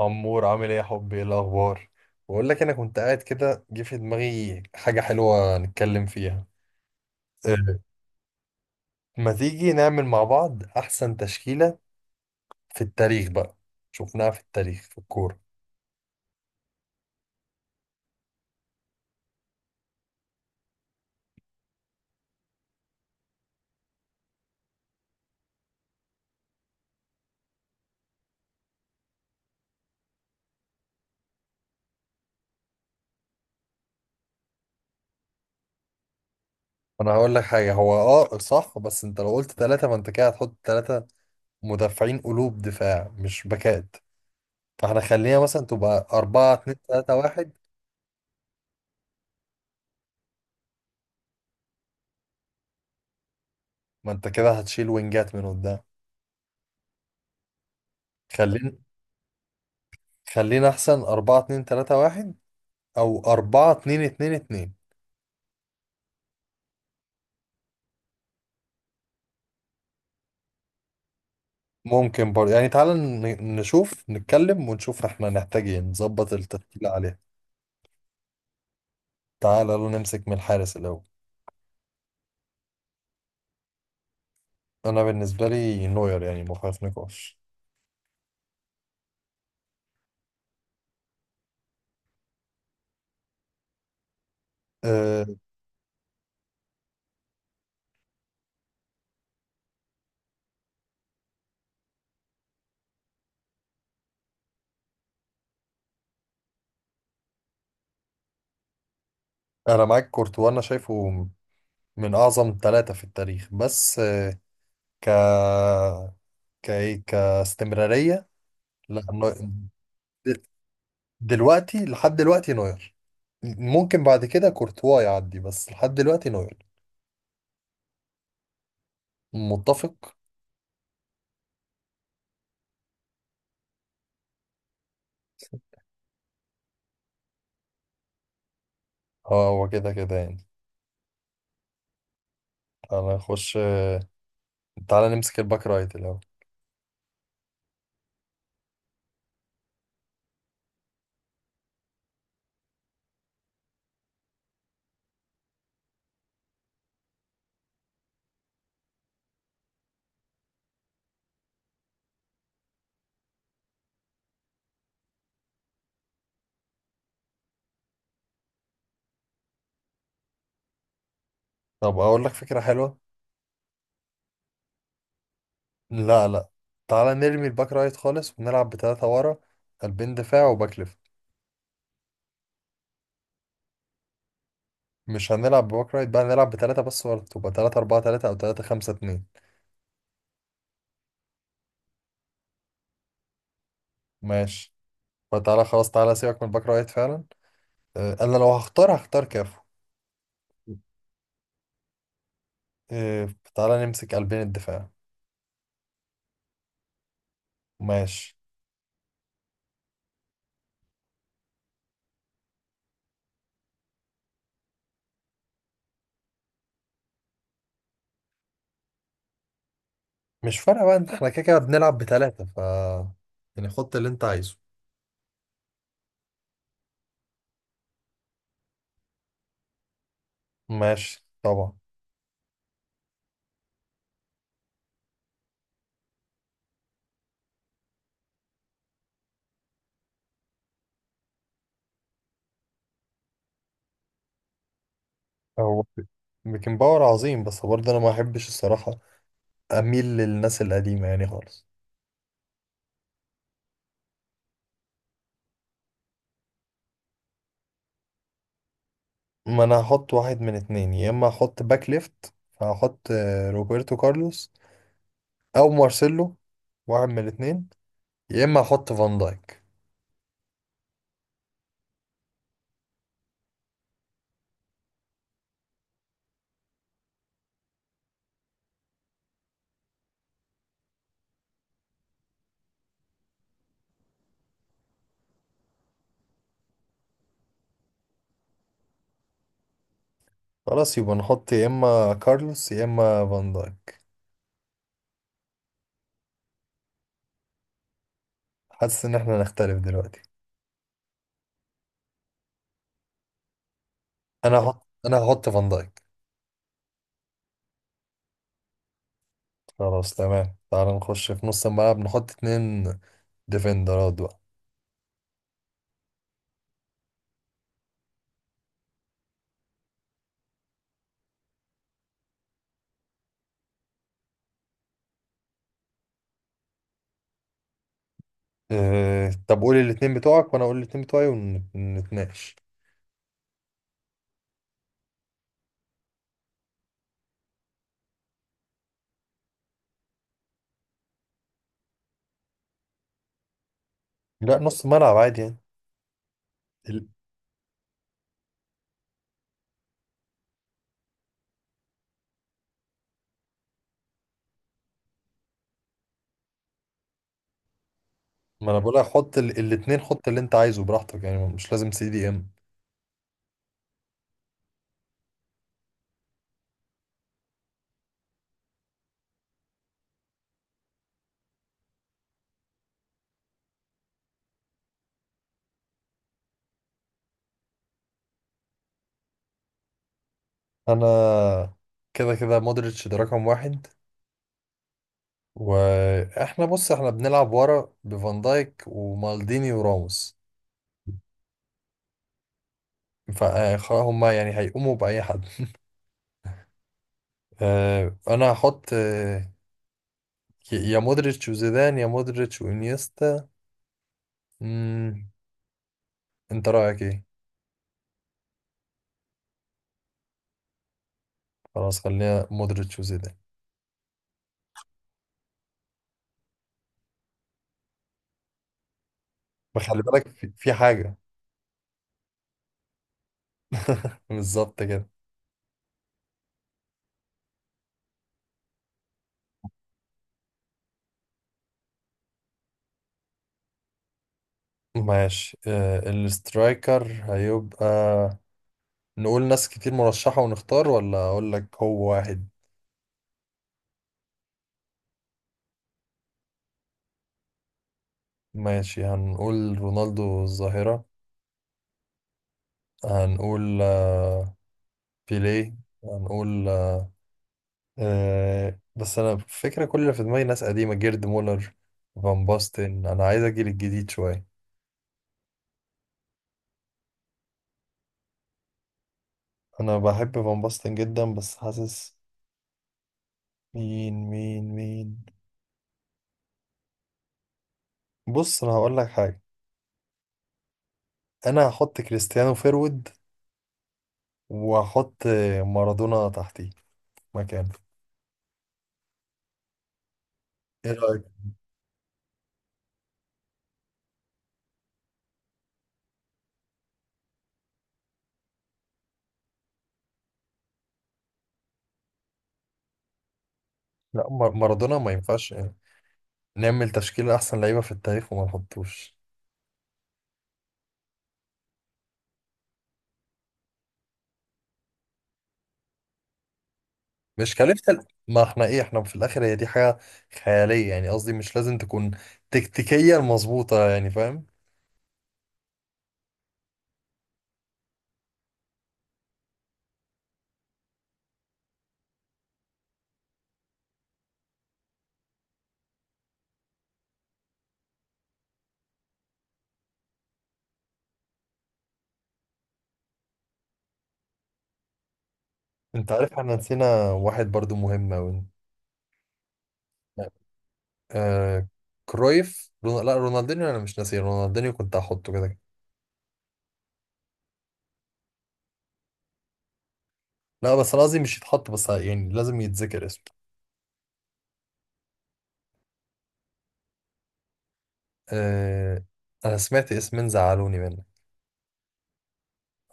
عمور، عامل ايه يا حبي؟ ايه الاخبار؟ بقول لك انا كنت قاعد كده جه في دماغي حاجه حلوه نتكلم فيها. أه، ما تيجي نعمل مع بعض احسن تشكيله في التاريخ بقى، شفناها في التاريخ في الكوره. انا هقول لك حاجه، هو اه صح، بس انت لو قلت ثلاثه فانت كده هتحط ثلاثه مدافعين، قلوب دفاع مش باكات، فاحنا خلينا مثلا تبقى 4 2 3 1. ما انت كده هتشيل وينجات من قدام. خلينا خلينا احسن 4 2 3 1 او 4 2 2 2. ممكن برضه يعني تعالى نشوف، نتكلم ونشوف احنا نحتاج ايه نظبط التشكيلة عليها. تعالى لو نمسك من الحارس الأول. أنا بالنسبة لي نوير، يعني ما فيهاش نقاش. أه، أنا معاك كورتوا، أنا شايفه من أعظم ثلاثة في التاريخ، بس آه، ك كإيه كاستمرارية. لا نو- د- دلوقتي، لحد دلوقتي نوير. ممكن بعد كده كورتوا يعدي، بس لحد دلوقتي نوير. متفق. اه، هو كده كده يعني. تعالى نخش، تعالى نمسك الباك رايت الأول. طب اقول لك فكرة حلوة. لا لا، تعالى نرمي الباك رايت خالص ونلعب بتلاتة ورا، قلبين دفاع وباك ليفت. مش هنلعب بباك رايت بقى، نلعب بتلاتة بس ورا، تبقى تلاتة أربعة تلاتة أو تلاتة خمسة اتنين. ماشي، فتعالى خلاص، تعالى سيبك من الباك رايت فعلا. أنا لو هختار، هختار كافو. آه، تعالى نمسك قلبين الدفاع. ماشي. مش فارقة بقى، احنا كده كده بنلعب بتلاتة، ف يعني حط اللي انت عايزه. ماشي طبعا. هو بيكن باور عظيم، بس برضه انا ما احبش الصراحة، اميل للناس القديمه يعني خالص. ما انا هحط واحد من اتنين، يا اما احط باك ليفت فهحط روبرتو كارلوس او مارسيلو، واحد من الاتنين، يا اما احط فان دايك. خلاص يبقى نحط يا اما كارلوس يا اما فان دايك. حاسس ان احنا نختلف دلوقتي. انا هحط فان دايك. خلاص تمام، تعال نخش في نص الملعب، نحط اتنين ديفندرات بقى. طب قول الاتنين بتوعك وانا اقول الاتنين بتوعي ونتناقش. لا، نص ملعب عادي. يعني ما انا بقولها، حط الاتنين، حط اللي انت عايزه براحتك، يعني مش لازم سي دي ام. انا كده كده مودريتش ده رقم واحد. واحنا بص احنا بنلعب ورا بفان دايك ومالديني وراموس، فهم يعني هيقوموا بأي حد. انا هحط يا مودريتش وزيدان يا مودريتش وانيستا. مم، انت رأيك ايه؟ خلاص خلينا مودريتش وزيدان. ما خلي بالك في حاجة. بالظبط كده. ماشي. الاسترايكر هيبقى، نقول ناس كتير مرشحة ونختار، ولا أقول لك هو واحد؟ ماشي، هنقول رونالدو الظاهرة، هنقول بيليه، هنقول بس أنا فكرة كل اللي في دماغي ناس قديمة، جيرد مولر، فان باستن. أنا عايز أجيل الجديد شوية. أنا بحب فان باستن جدا، بس حاسس، مين. بص أنا هقول لك حاجة، أنا هحط كريستيانو فيرود، واحط مارادونا تحتيه مكانه. ايه رأيك؟ لا مارادونا ما ينفعش. نعمل تشكيل احسن لعيبة في التاريخ وما نحطوش؟ مش كلفة ال- ما احنا ايه، احنا في الاخر هي دي حاجة خيالية يعني، قصدي مش لازم تكون تكتيكيا مظبوطة، يعني فاهم. انت عارف احنا نسينا واحد برضو مهم اوي. آه، كرويف رون... لا رونالدينيو، انا مش ناسي رونالدينيو، كنت هحطه كده كده. لا بس انا قصدي مش يتحط، بس يعني لازم يتذكر اسمه. آه... انا سمعت اسمين زعلوني منه.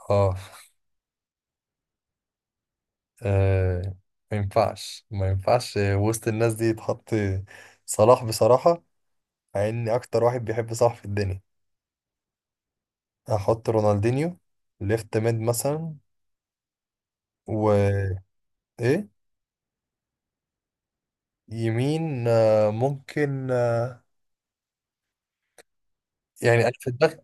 اه. آه، ما ينفعش وسط الناس دي يتحط صلاح، بصراحة، مع اني اكتر واحد بيحب صلاح في الدنيا. هحط رونالدينيو ليفت ميد مثلا، و ايه؟ يمين ممكن، يعني انا في دماغي.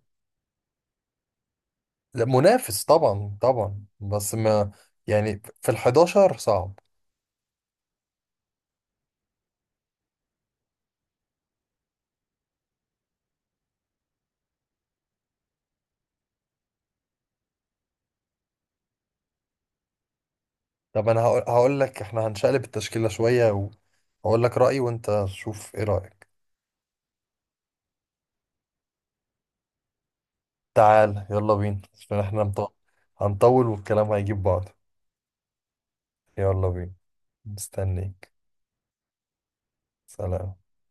لا، منافس طبعا طبعا، بس ما يعني في ال 11 صعب. طب انا هقول لك، احنا هنشقلب التشكيلة شوية وهقول لك رأيي وانت شوف ايه رأيك. تعال يلا بينا عشان احنا هنطول والكلام هيجيب بعض. يلا بينا. مستنيك. سلام.